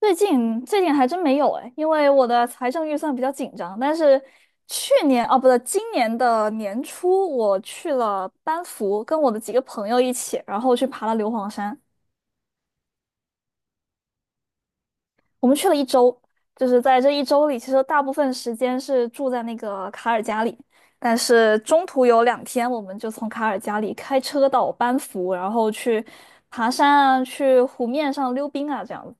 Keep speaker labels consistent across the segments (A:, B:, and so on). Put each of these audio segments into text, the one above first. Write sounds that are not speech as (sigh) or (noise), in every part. A: 最近还真没有哎，因为我的财政预算比较紧张。但是去年啊，不对，今年的年初我去了班夫，跟我的几个朋友一起，然后去爬了硫磺山。我们去了一周，就是在这一周里，其实大部分时间是住在那个卡尔加里，但是中途有2天，我们就从卡尔加里开车到班夫，然后去爬山啊，去湖面上溜冰啊，这样子。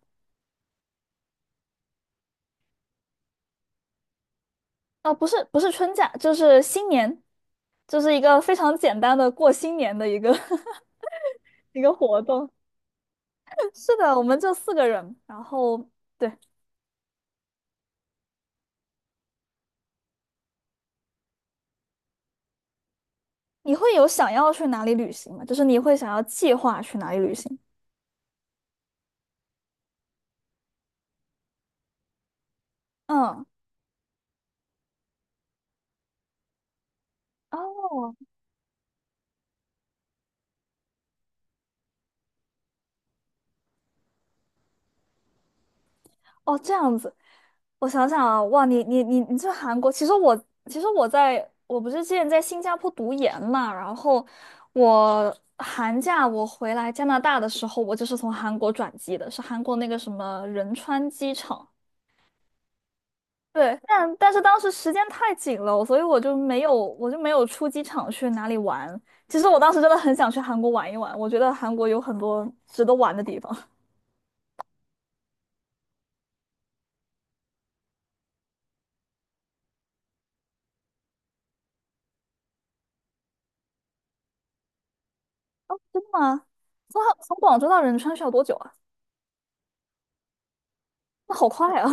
A: 啊，不是不是春假，就是新年，就是一个非常简单的过新年的一个 (laughs) 一个活动。(laughs) 是的，我们就四个人，然后对，你会有想要去哪里旅行吗？就是你会想要计划去哪里旅行？嗯。哦。哦，这样子，我想想啊，哇，你去韩国，其实我在我不是之前在新加坡读研嘛，然后我寒假我回来加拿大的时候，我就是从韩国转机的，是韩国那个什么仁川机场。对，但是当时时间太紧了，所以我就没有出机场去哪里玩。其实我当时真的很想去韩国玩一玩，我觉得韩国有很多值得玩的地方。(laughs) 啊，从从广州到仁川需要多久啊？那好快啊！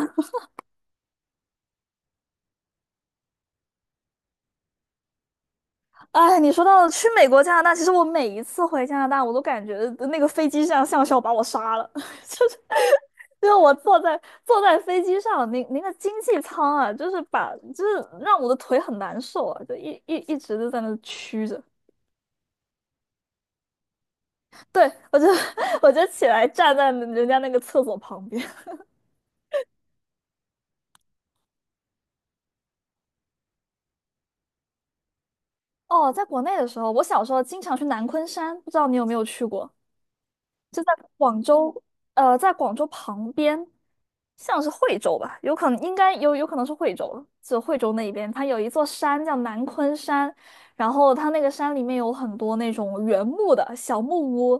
A: 哎，你说到去美国、加拿大，其实我每一次回加拿大，我都感觉那个飞机上像是要把我杀了，(laughs) 就是因为我坐在飞机上，那个经济舱啊，就是把就是让我的腿很难受啊，就一直就在那屈着。对，我就 (laughs) 我就起来站在人家那个厕所旁边。哦，在国内的时候，我小时候经常去南昆山，不知道你有没有去过？就在广州，在广州旁边，像是惠州吧，有可能是惠州了，就惠州那一边，它有一座山叫南昆山，然后它那个山里面有很多那种原木的小木屋，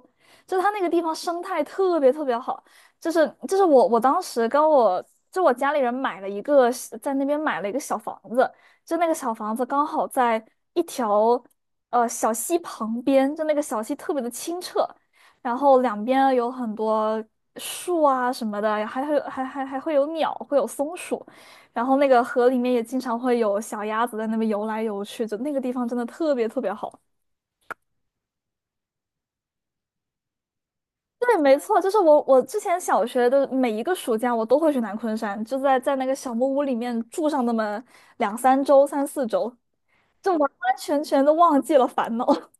A: 就它那个地方生态特别特别好，就是我当时跟我家里人买了一个在那边买了一个小房子，就那个小房子刚好在一条，小溪旁边，就那个小溪特别的清澈，然后两边有很多树啊什么的，还会有鸟，会有松鼠，然后那个河里面也经常会有小鸭子在那边游来游去，就那个地方真的特别特别好。对，没错，就是我之前小学的每一个暑假，我都会去南昆山，就在那个小木屋里面住上那么两三周、三四周，就完完全全的忘记了烦恼。(laughs)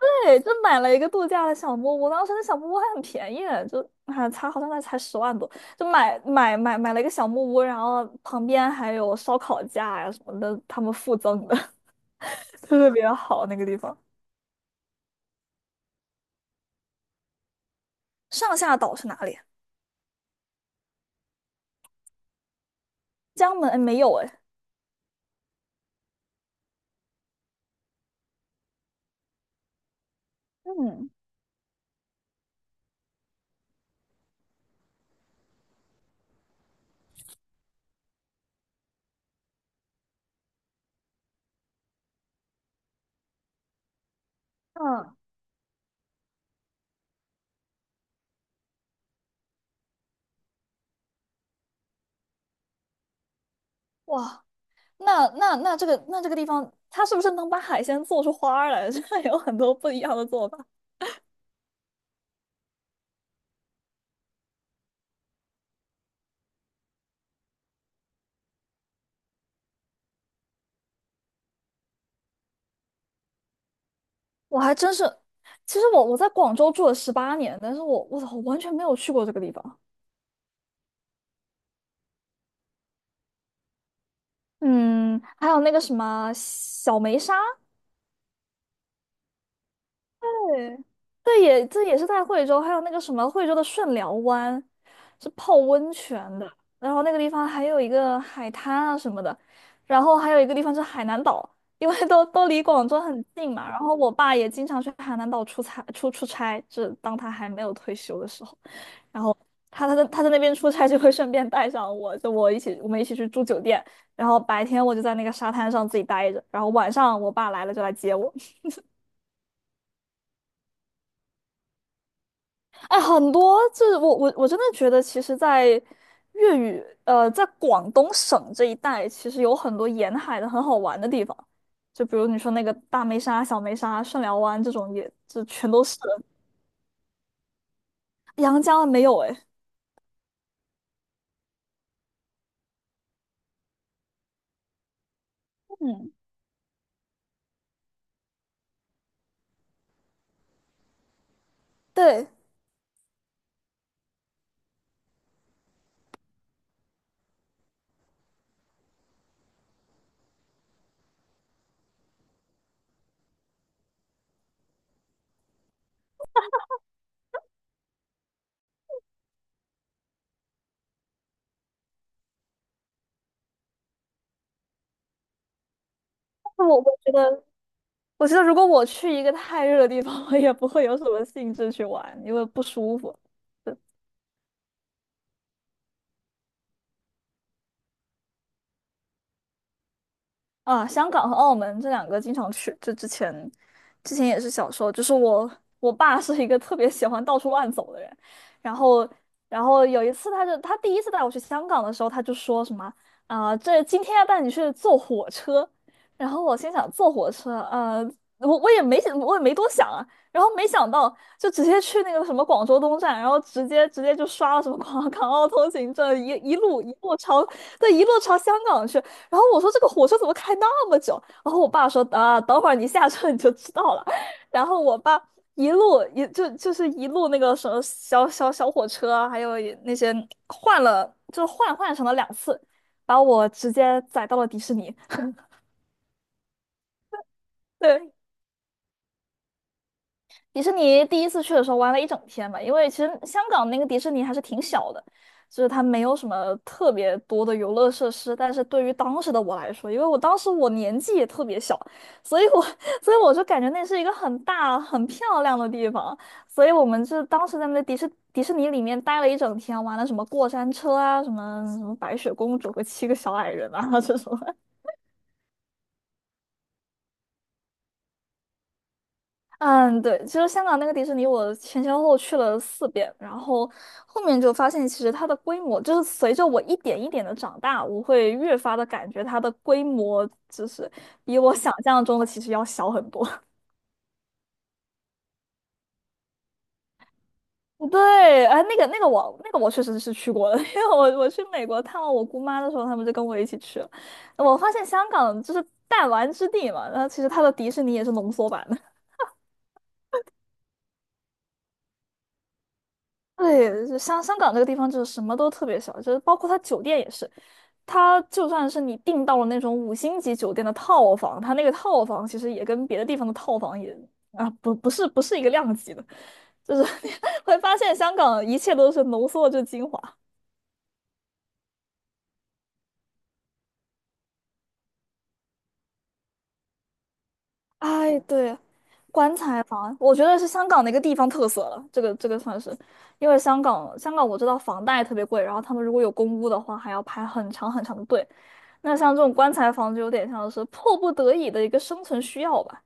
A: 对，就买了一个度假的小木屋，当时那小木屋还很便宜，就才好像那才10万多，就买了一个小木屋，然后旁边还有烧烤架呀、什么的，他们附赠的，(laughs) 特别好那个地方。上下岛是哪里啊？江门？哎，没有哎。嗯嗯，哇，那那那这个那这个地方，它是不是能把海鲜做出花儿来？(laughs) 这有很多不一样的做法。我还真是，其实我在广州住了18年，但是我操，我完全没有去过这个地方。嗯，还有那个什么小梅沙。对，对也这也是在惠州，还有那个什么惠州的顺寮湾，是泡温泉的，然后那个地方还有一个海滩啊什么的，然后还有一个地方是海南岛，因为都离广州很近嘛，然后我爸也经常去海南岛出差，就是当他还没有退休的时候。然后他在那边出差就会顺便带上我，就我们一起去住酒店，然后白天我就在那个沙滩上自己待着，然后晚上我爸来了就来接我。哎，很多就是我真的觉得，其实，在粤语呃，在广东省这一带，其实有很多沿海的很好玩的地方，就比如你说那个大梅沙、小梅沙、顺寮湾这种也，这全都是。阳江没有哎，嗯，对，但是我觉得。我觉得如果我去一个太热的地方，(laughs) 我也不会有什么兴致去玩，因为不舒服。啊，香港和澳门这两个经常去，就之前，之前也是小时候，就是我爸是一个特别喜欢到处乱走的人，然后有一次他第一次带我去香港的时候，他就说什么啊、这今天要带你去坐火车，然后我心想坐火车，我也没多想啊，然后没想到就直接去那个什么广州东站，然后直接就刷了什么 (laughs) 广港澳通行证，一路朝香港去。然后我说这个火车怎么开那么久？然后我爸说啊，等会儿你下车你就知道了。然后我爸一路一就就是一路那个什么小火车啊，还有也那些换了，就是换乘了2次，把我直接载到了迪士尼。(laughs) 对，迪士尼第一次去的时候玩了一整天吧，因为其实香港那个迪士尼还是挺小的，就是它没有什么特别多的游乐设施。但是对于当时的我来说，因为我当时我年纪也特别小，所以我 (laughs) 所以我就感觉那是一个很大很漂亮的地方，所以我们就当时在那个迪士尼里面待了一整天，玩了什么过山车啊，什么白雪公主和七个小矮人啊这种。嗯，对，其实香港那个迪士尼，我前前后后去了4遍，然后后面就发现，其实它的规模就是随着我一点一点的长大，我会越发的感觉它的规模就是比我想象中的其实要小很多。(laughs) 对，哎，那个那个我那个我确实是去过的，(laughs) 因为我去美国探望我姑妈的时候，他们就跟我一起去了。我发现香港就是弹丸之地嘛，然后其实它的迪士尼也是浓缩版的。对，就香港这个地方就是什么都特别小，就是包括它酒店也是，它就算是你订到了那种五星级酒店的套房，它那个套房其实也跟别的地方的套房也啊不不是不是一个量级的，就是 (laughs) 你会发现香港一切都是浓缩着精华。哎，对，棺材房，我觉得是香港的一个地方特色了，这个算是，因为香港我知道房贷特别贵，然后他们如果有公屋的话，还要排很长很长的队。那像这种棺材房就有点像是迫不得已的一个生存需要吧，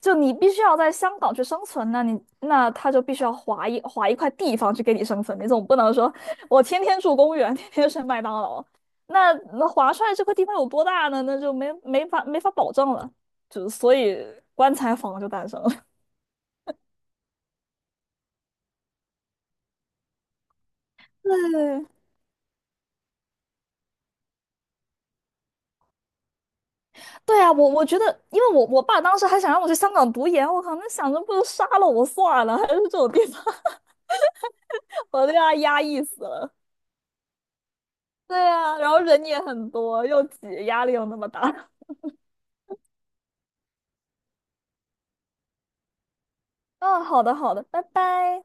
A: 就你必须要在香港去生存，那他就必须要划一块地方去给你生存，你总不能说我天天住公园，天天吃麦当劳，那划出来这块地方有多大呢？那就没法保证了，就所以棺材房就诞生了。(laughs) 对对啊，我觉得，因为我爸当时还想让我去香港读研，我靠，那想着不如杀了我算了，还是这种地方，(laughs) 我都让他压抑死了。对啊，然后人也很多，又挤，压力又那么大。(laughs) 嗯，好的好的，拜拜。